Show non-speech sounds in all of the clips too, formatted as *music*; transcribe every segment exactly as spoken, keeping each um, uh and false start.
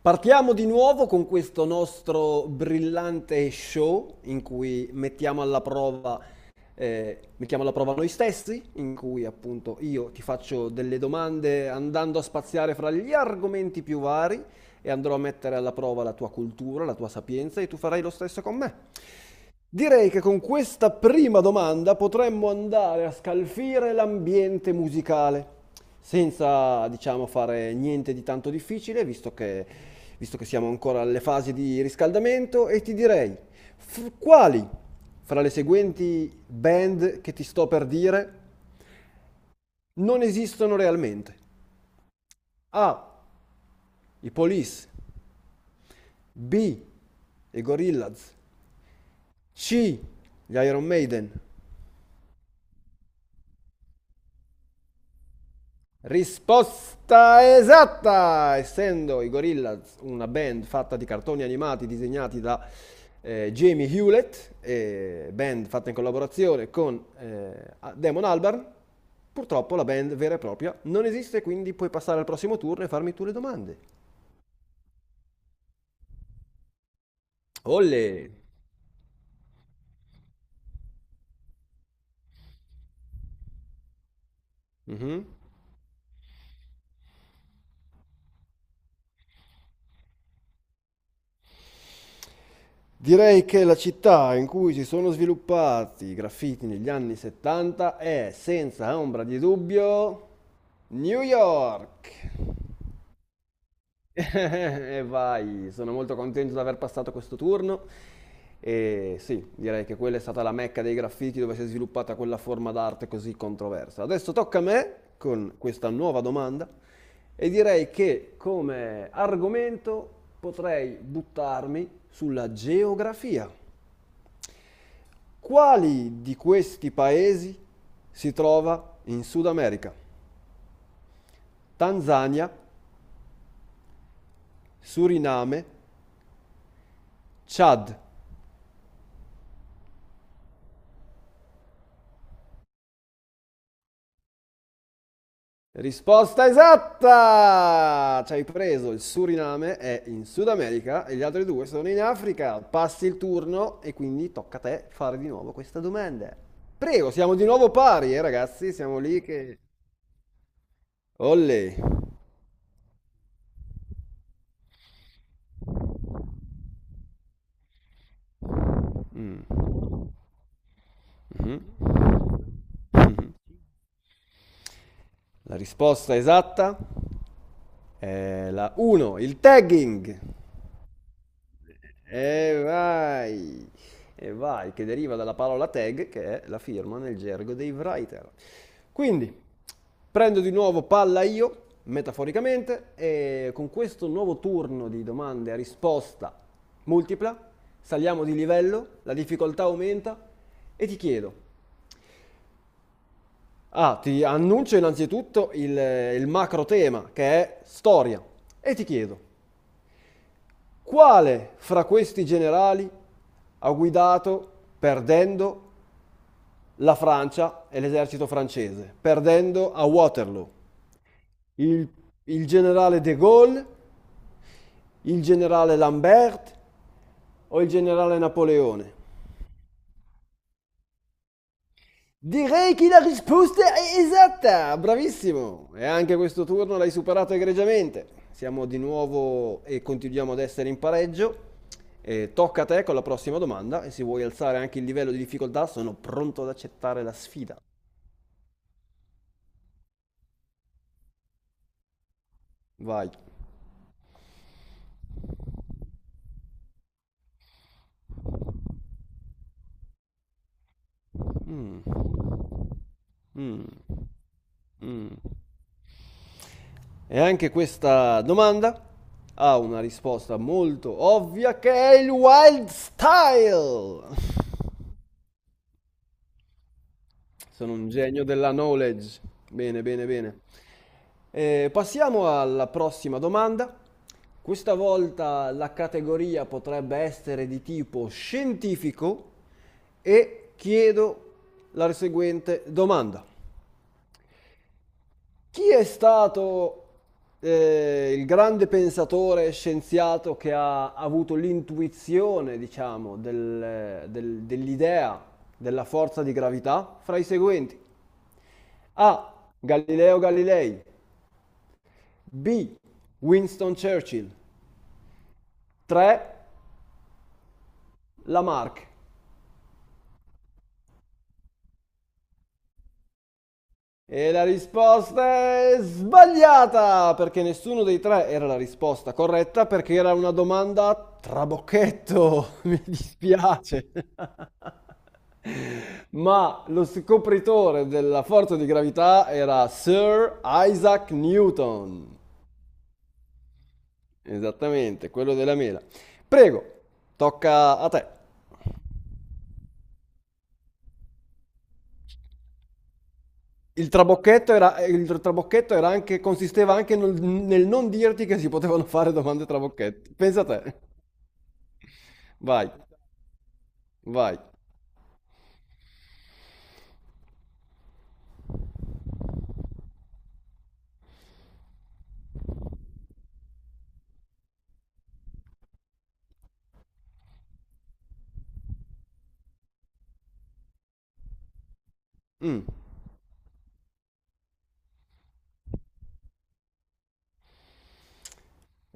Partiamo di nuovo con questo nostro brillante show in cui mettiamo alla prova, eh, mettiamo alla prova noi stessi, in cui appunto io ti faccio delle domande andando a spaziare fra gli argomenti più vari e andrò a mettere alla prova la tua cultura, la tua sapienza e tu farai lo stesso con me. Direi che con questa prima domanda potremmo andare a scalfire l'ambiente musicale, senza, diciamo, fare niente di tanto difficile, visto che, visto che siamo ancora alle fasi di riscaldamento, e ti direi, f- quali fra le seguenti band che ti sto per dire non esistono realmente? A. I Police, B. I Gorillaz, C. Gli Iron Maiden. Risposta esatta! Essendo i Gorillaz una band fatta di cartoni animati disegnati da eh, Jamie Hewlett, eh, band fatta in collaborazione con eh, Damon Albarn, purtroppo la band vera e propria non esiste, quindi puoi passare al prossimo turno e farmi tu le domande. Olle! Mhm. Direi che la città in cui si sono sviluppati i graffiti negli anni settanta è, senza ombra di dubbio, New York. *laughs* E vai, sono molto contento di aver passato questo turno. E sì, direi che quella è stata la mecca dei graffiti dove si è sviluppata quella forma d'arte così controversa. Adesso tocca a me con questa nuova domanda e direi che come argomento potrei buttarmi sulla geografia. Quali di questi paesi si trova in Sud America? Tanzania, Suriname, Chad. Risposta esatta! Ci hai preso, il Suriname è in Sud America e gli altri due sono in Africa. Passi il turno e quindi tocca a te fare di nuovo questa domanda. Prego, siamo di nuovo pari, eh ragazzi, siamo lì che... Olle! Mm. Mhm. Mhm. La risposta esatta è la una, il tagging. E vai, e vai, che deriva dalla parola tag, che è la firma nel gergo dei writer. Quindi, prendo di nuovo palla io, metaforicamente, e con questo nuovo turno di domande a risposta multipla, saliamo di livello, la difficoltà aumenta e ti chiedo, ah, ti annuncio innanzitutto il, il macro tema, che è storia, e ti chiedo, quale fra questi generali ha guidato perdendo la Francia e l'esercito francese, perdendo a Waterloo? Il, il generale De Gaulle, il generale Lambert o il generale Napoleone? Direi che la risposta è esatta, bravissimo! E anche questo turno l'hai superato egregiamente. Siamo di nuovo e continuiamo ad essere in pareggio. E tocca a te con la prossima domanda e se vuoi alzare anche il livello di difficoltà sono pronto ad accettare la sfida. Vai. Mm, mm, mm. E anche questa domanda ha una risposta molto ovvia che è il wild style. Sono un genio della knowledge. Bene, bene, bene. Eh, passiamo alla prossima domanda. Questa volta la categoria potrebbe essere di tipo scientifico e chiedo la seguente domanda. Chi è stato eh, il grande pensatore scienziato che ha avuto l'intuizione, diciamo, del- del- dell'idea della forza di gravità fra i seguenti? A. Galileo Galilei. B. Winston Churchill. 3. Lamarck. E la risposta è sbagliata, perché nessuno dei tre era la risposta corretta, perché era una domanda a trabocchetto, mi dispiace. *laughs* Ma lo scopritore della forza di gravità era Sir Isaac Newton. Esattamente, quello della mela. Prego, tocca a te. Il trabocchetto era, il trabocchetto era anche, consisteva anche nel, nel non dirti che si potevano fare domande trabocchetti. Pensa a te. Vai, vai. Mm.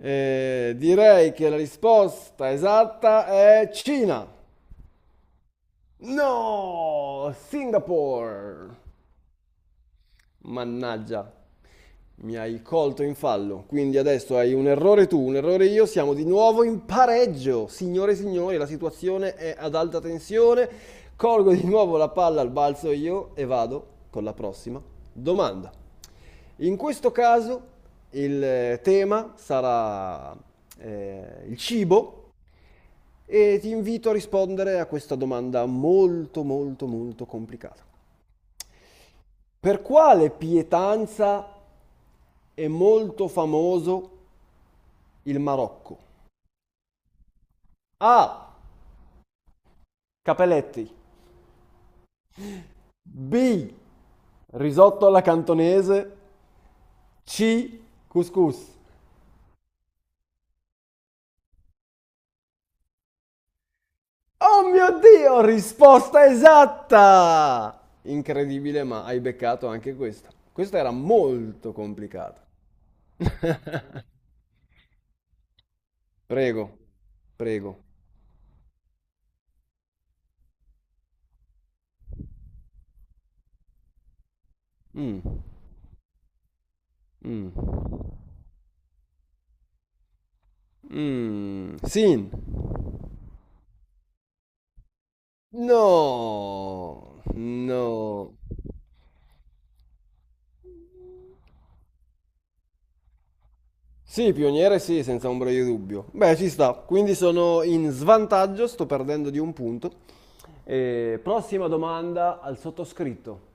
Eh, direi che la risposta esatta è Cina. No, Singapore. Mannaggia. Mi hai colto in fallo, quindi adesso hai un errore tu, un errore io, siamo di nuovo in pareggio. Signore e signori, la situazione è ad alta tensione. Colgo di nuovo la palla al balzo io e vado con la prossima domanda. In questo caso il eh, tema sarà eh, il cibo e ti invito a rispondere a questa domanda molto molto molto complicata. Per quale pietanza è molto famoso il Marocco. A. Capelletti. B. Risotto alla cantonese. C. Couscous. Oh mio Dio, risposta esatta! Incredibile, ma hai beccato anche questa. Questa era molto complicata. *laughs* Prego, prego. Mm. Mm. Mm. Sin. No, no. Sì, pioniere sì, senza ombra di dubbio. Beh, ci sta. Quindi sono in svantaggio, sto perdendo di un punto. E prossima domanda al sottoscritto.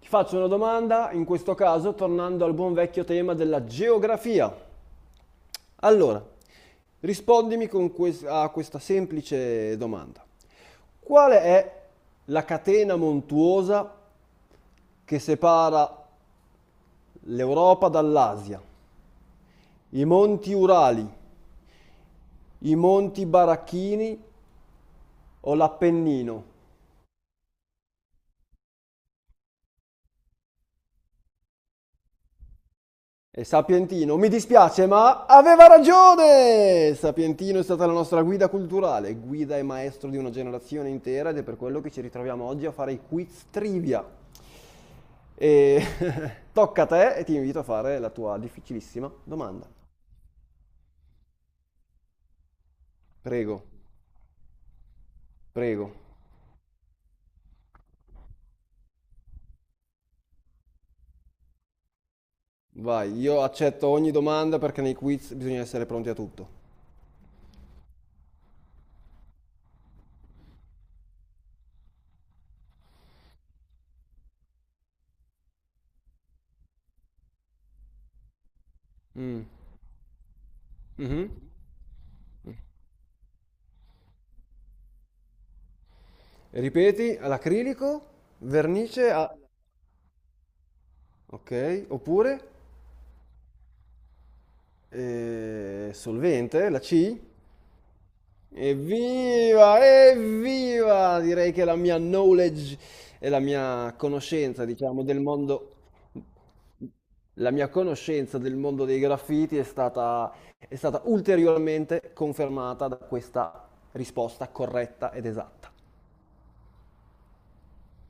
Ti faccio una domanda, in questo caso tornando al buon vecchio tema della geografia. Allora, rispondimi con ques- a questa semplice domanda. Qual è la catena montuosa che separa l'Europa dall'Asia? I monti Urali, i Monti Baracchini o l'Appennino. E Sapientino, mi dispiace, ma aveva ragione! Sapientino è stata la nostra guida culturale, guida e maestro di una generazione intera ed è per quello che ci ritroviamo oggi a fare i quiz trivia. E *laughs* tocca a te e ti invito a fare la tua difficilissima domanda. Prego, prego. Vai, io accetto ogni domanda perché nei quiz bisogna essere pronti a tutto. Mm. Mhm. Ripeti, all'acrilico, vernice a... Ok, oppure eh, solvente, la C. Evviva, evviva! Direi che la mia knowledge e la mia conoscenza, diciamo, del mondo... La mia conoscenza del mondo dei graffiti è stata, è stata ulteriormente confermata da questa risposta corretta ed esatta.